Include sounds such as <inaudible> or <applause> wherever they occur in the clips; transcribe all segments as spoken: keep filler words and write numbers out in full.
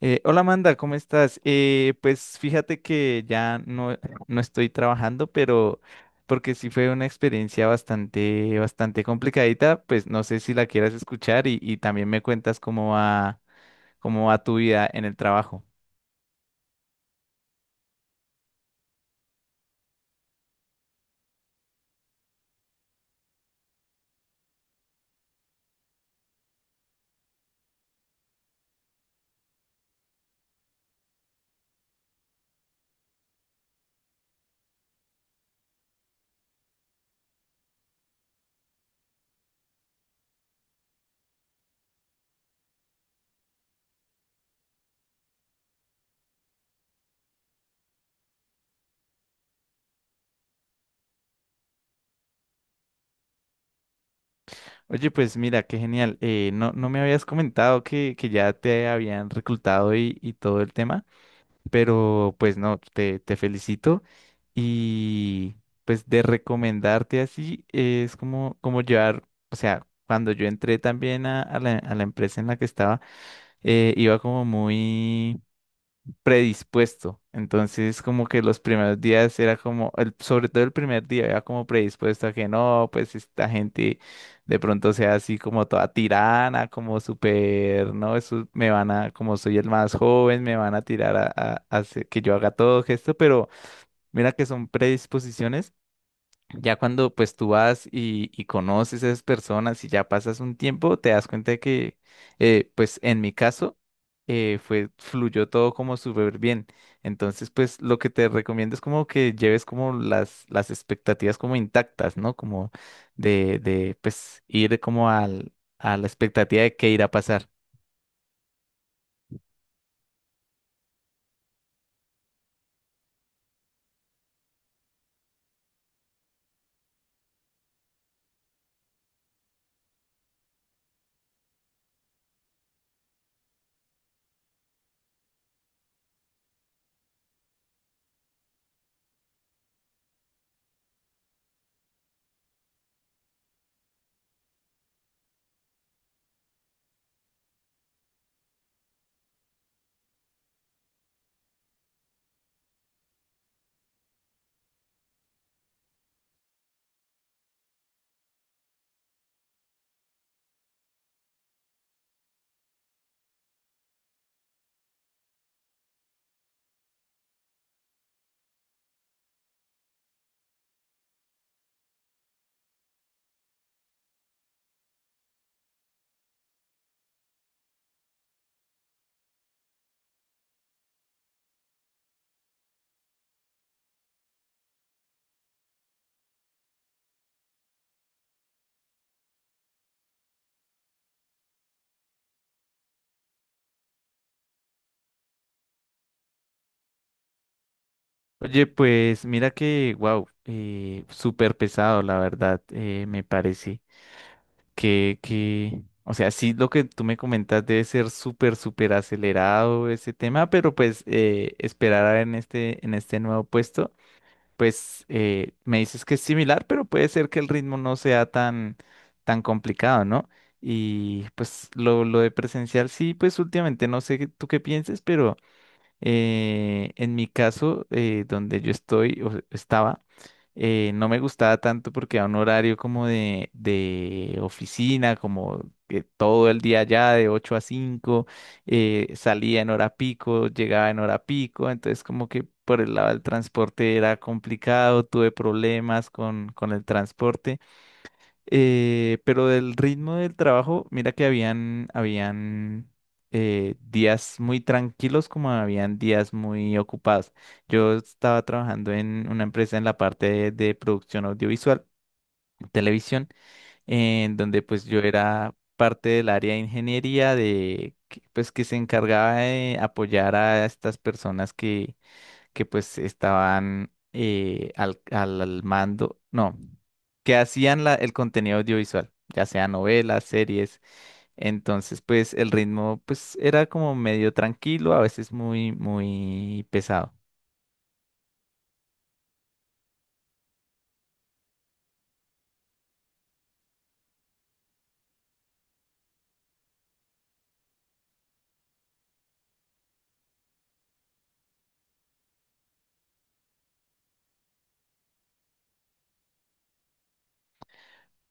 Eh, hola Amanda, ¿cómo estás? Eh, pues fíjate que ya no, no estoy trabajando, pero porque sí fue una experiencia bastante, bastante complicadita. Pues no sé si la quieras escuchar y, y también me cuentas cómo va, cómo va tu vida en el trabajo. Oye, pues mira, qué genial. Eh, no, no me habías comentado que, que ya te habían reclutado y, y todo el tema, pero pues no, te, te felicito. Y pues de recomendarte así, eh, es como, como llevar, o sea, cuando yo entré también a, a la, a la empresa en la que estaba, eh, iba como muy predispuesto. Entonces como que los primeros días era como, el- sobre todo el primer día, era como predispuesto a que no, pues esta gente de pronto sea así como toda tirana, como súper, no, eso me van a, como soy el más joven, me van a tirar a, a a hacer que yo haga todo esto, pero mira que son predisposiciones ya cuando pues tú vas y, y conoces a esas personas y ya pasas un tiempo, te das cuenta de que eh, pues en mi caso eh, fue, fluyó todo como súper bien. Entonces pues lo que te recomiendo es como que lleves como las, las expectativas como intactas, ¿no? Como de, de pues ir como al, a la expectativa de qué irá a pasar. Oye, pues mira que, wow, eh, súper pesado la verdad, eh, me parece. que, que, o sea, sí, lo que tú me comentas debe ser súper, súper acelerado ese tema, pero pues eh, esperar a en este, en este nuevo puesto, pues eh, me dices que es similar, pero puede ser que el ritmo no sea tan, tan complicado, ¿no? Y pues lo, lo de presencial, sí, pues últimamente no sé qué- tú qué pienses, pero... Eh, en mi caso, eh, donde yo estoy o estaba, eh, no me gustaba tanto porque era un horario como de, de oficina, como que todo el día allá de ocho a cinco. Eh, salía en hora pico, llegaba en hora pico, entonces como que por el lado del transporte era complicado, tuve problemas con, con el transporte. Eh, pero del ritmo del trabajo, mira que habían, habían eh, días muy tranquilos como habían días muy ocupados. Yo estaba trabajando en una empresa en la parte de, de producción audiovisual, televisión, en donde pues yo era parte del área de ingeniería de que, pues que se encargaba de apoyar a estas personas que, que pues estaban, eh, al, al al mando. No que hacían la- el contenido audiovisual, ya sea novelas, series. Entonces, pues el ritmo pues era como medio tranquilo, a veces muy, muy pesado.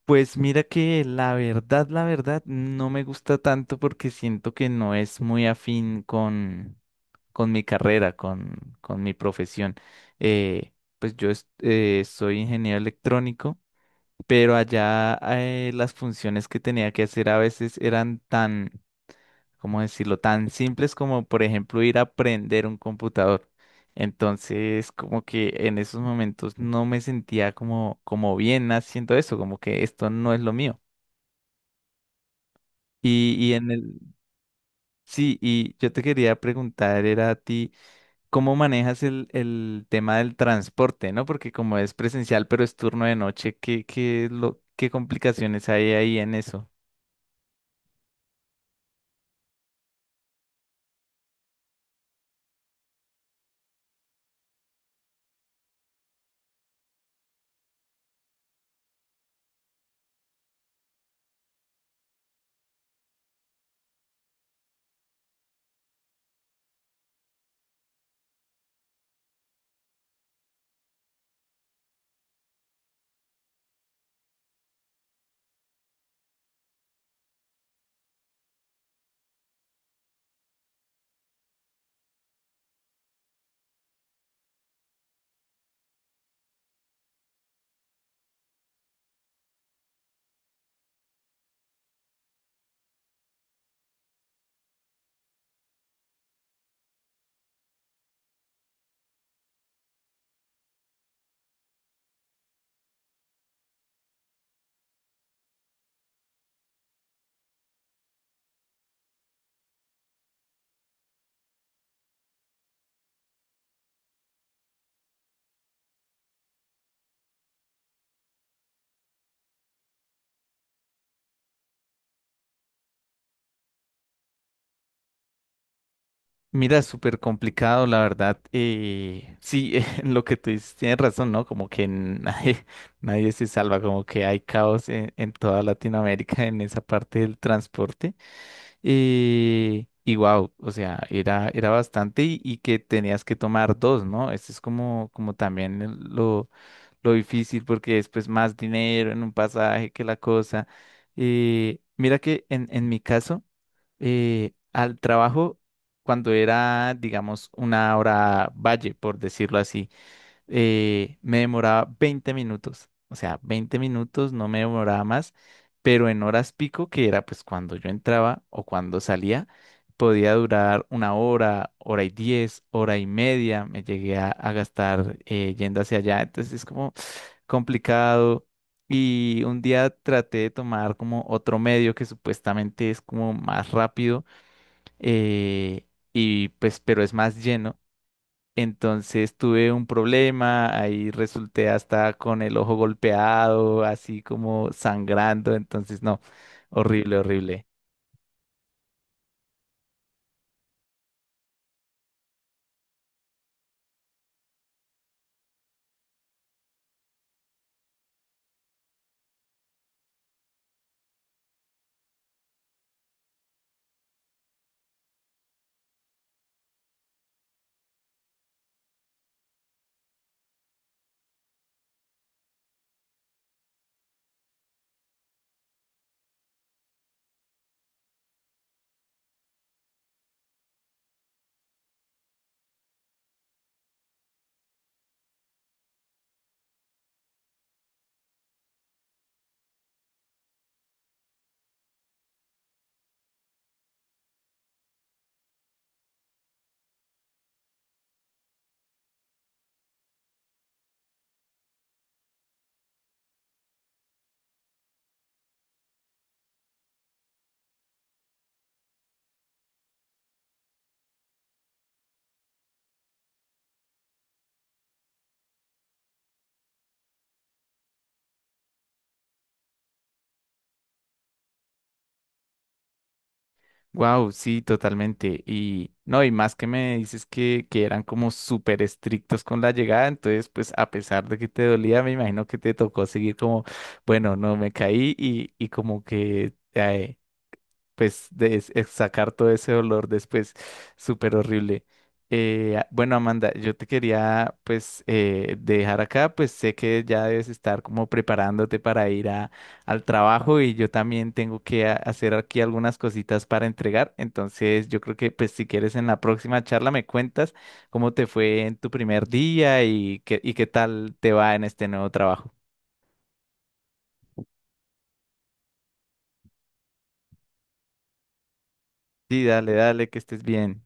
Pues mira que la verdad, la verdad, no me gusta tanto porque siento que no es muy afín con, con mi carrera, con, con mi profesión. Eh, pues yo es- eh, soy ingeniero electrónico, pero allá, eh, las funciones que tenía que hacer a veces eran tan, ¿cómo decirlo? Tan simples como, por ejemplo, ir a aprender un computador. Entonces, como que en esos momentos no me sentía como, como bien haciendo eso, como que esto no es lo mío. Y, y en el, sí, y yo te quería preguntar, era a ti, ¿cómo manejas el, el tema del transporte, no? Porque como es presencial, pero es turno de noche, ¿qué, qué, es lo, qué complicaciones hay ahí en eso? Mira, súper complicado, la verdad. Eh, sí, <laughs> en lo que tú dices, tienes razón, ¿no? Como que nadie, <laughs> nadie se salva, como que hay caos en, en toda Latinoamérica en esa parte del transporte. Eh, y wow, o sea, era, era bastante y, y que tenías que tomar dos, ¿no? Eso es como, como también el- lo, lo difícil porque después más dinero en un pasaje que la cosa. Eh, mira que en, en mi caso eh, al trabajo cuando era, digamos, una hora valle, por decirlo así, eh, me demoraba veinte minutos, o sea, veinte minutos no me demoraba más, pero en horas pico, que era pues cuando yo entraba o cuando salía, podía durar una hora, hora y diez, hora y media, me llegué a, a gastar, eh, yendo hacia allá, entonces es como complicado. Y un día traté de tomar como otro medio que supuestamente es como más rápido, eh, y pues, pero es más lleno. Entonces tuve un problema, ahí resulté hasta con el ojo golpeado, así como sangrando, entonces no, horrible, horrible. Wow, sí, totalmente. Y no, y más que me dices que, que eran como súper estrictos con la llegada, entonces pues a pesar de que te dolía, me imagino que te tocó seguir como, bueno, no me caí y, y como que... eh, pues de es- es sacar todo ese olor después, súper horrible. Eh, a- bueno, Amanda, yo te quería pues, eh, dejar acá, pues sé que ya debes estar como preparándote para ir a, al trabajo y yo también tengo que a- hacer aquí algunas cositas para entregar, entonces yo creo que pues si quieres en la próxima charla me cuentas cómo te fue en tu primer día y qué, y qué tal te va en este nuevo trabajo. Sí, dale, dale, que estés bien.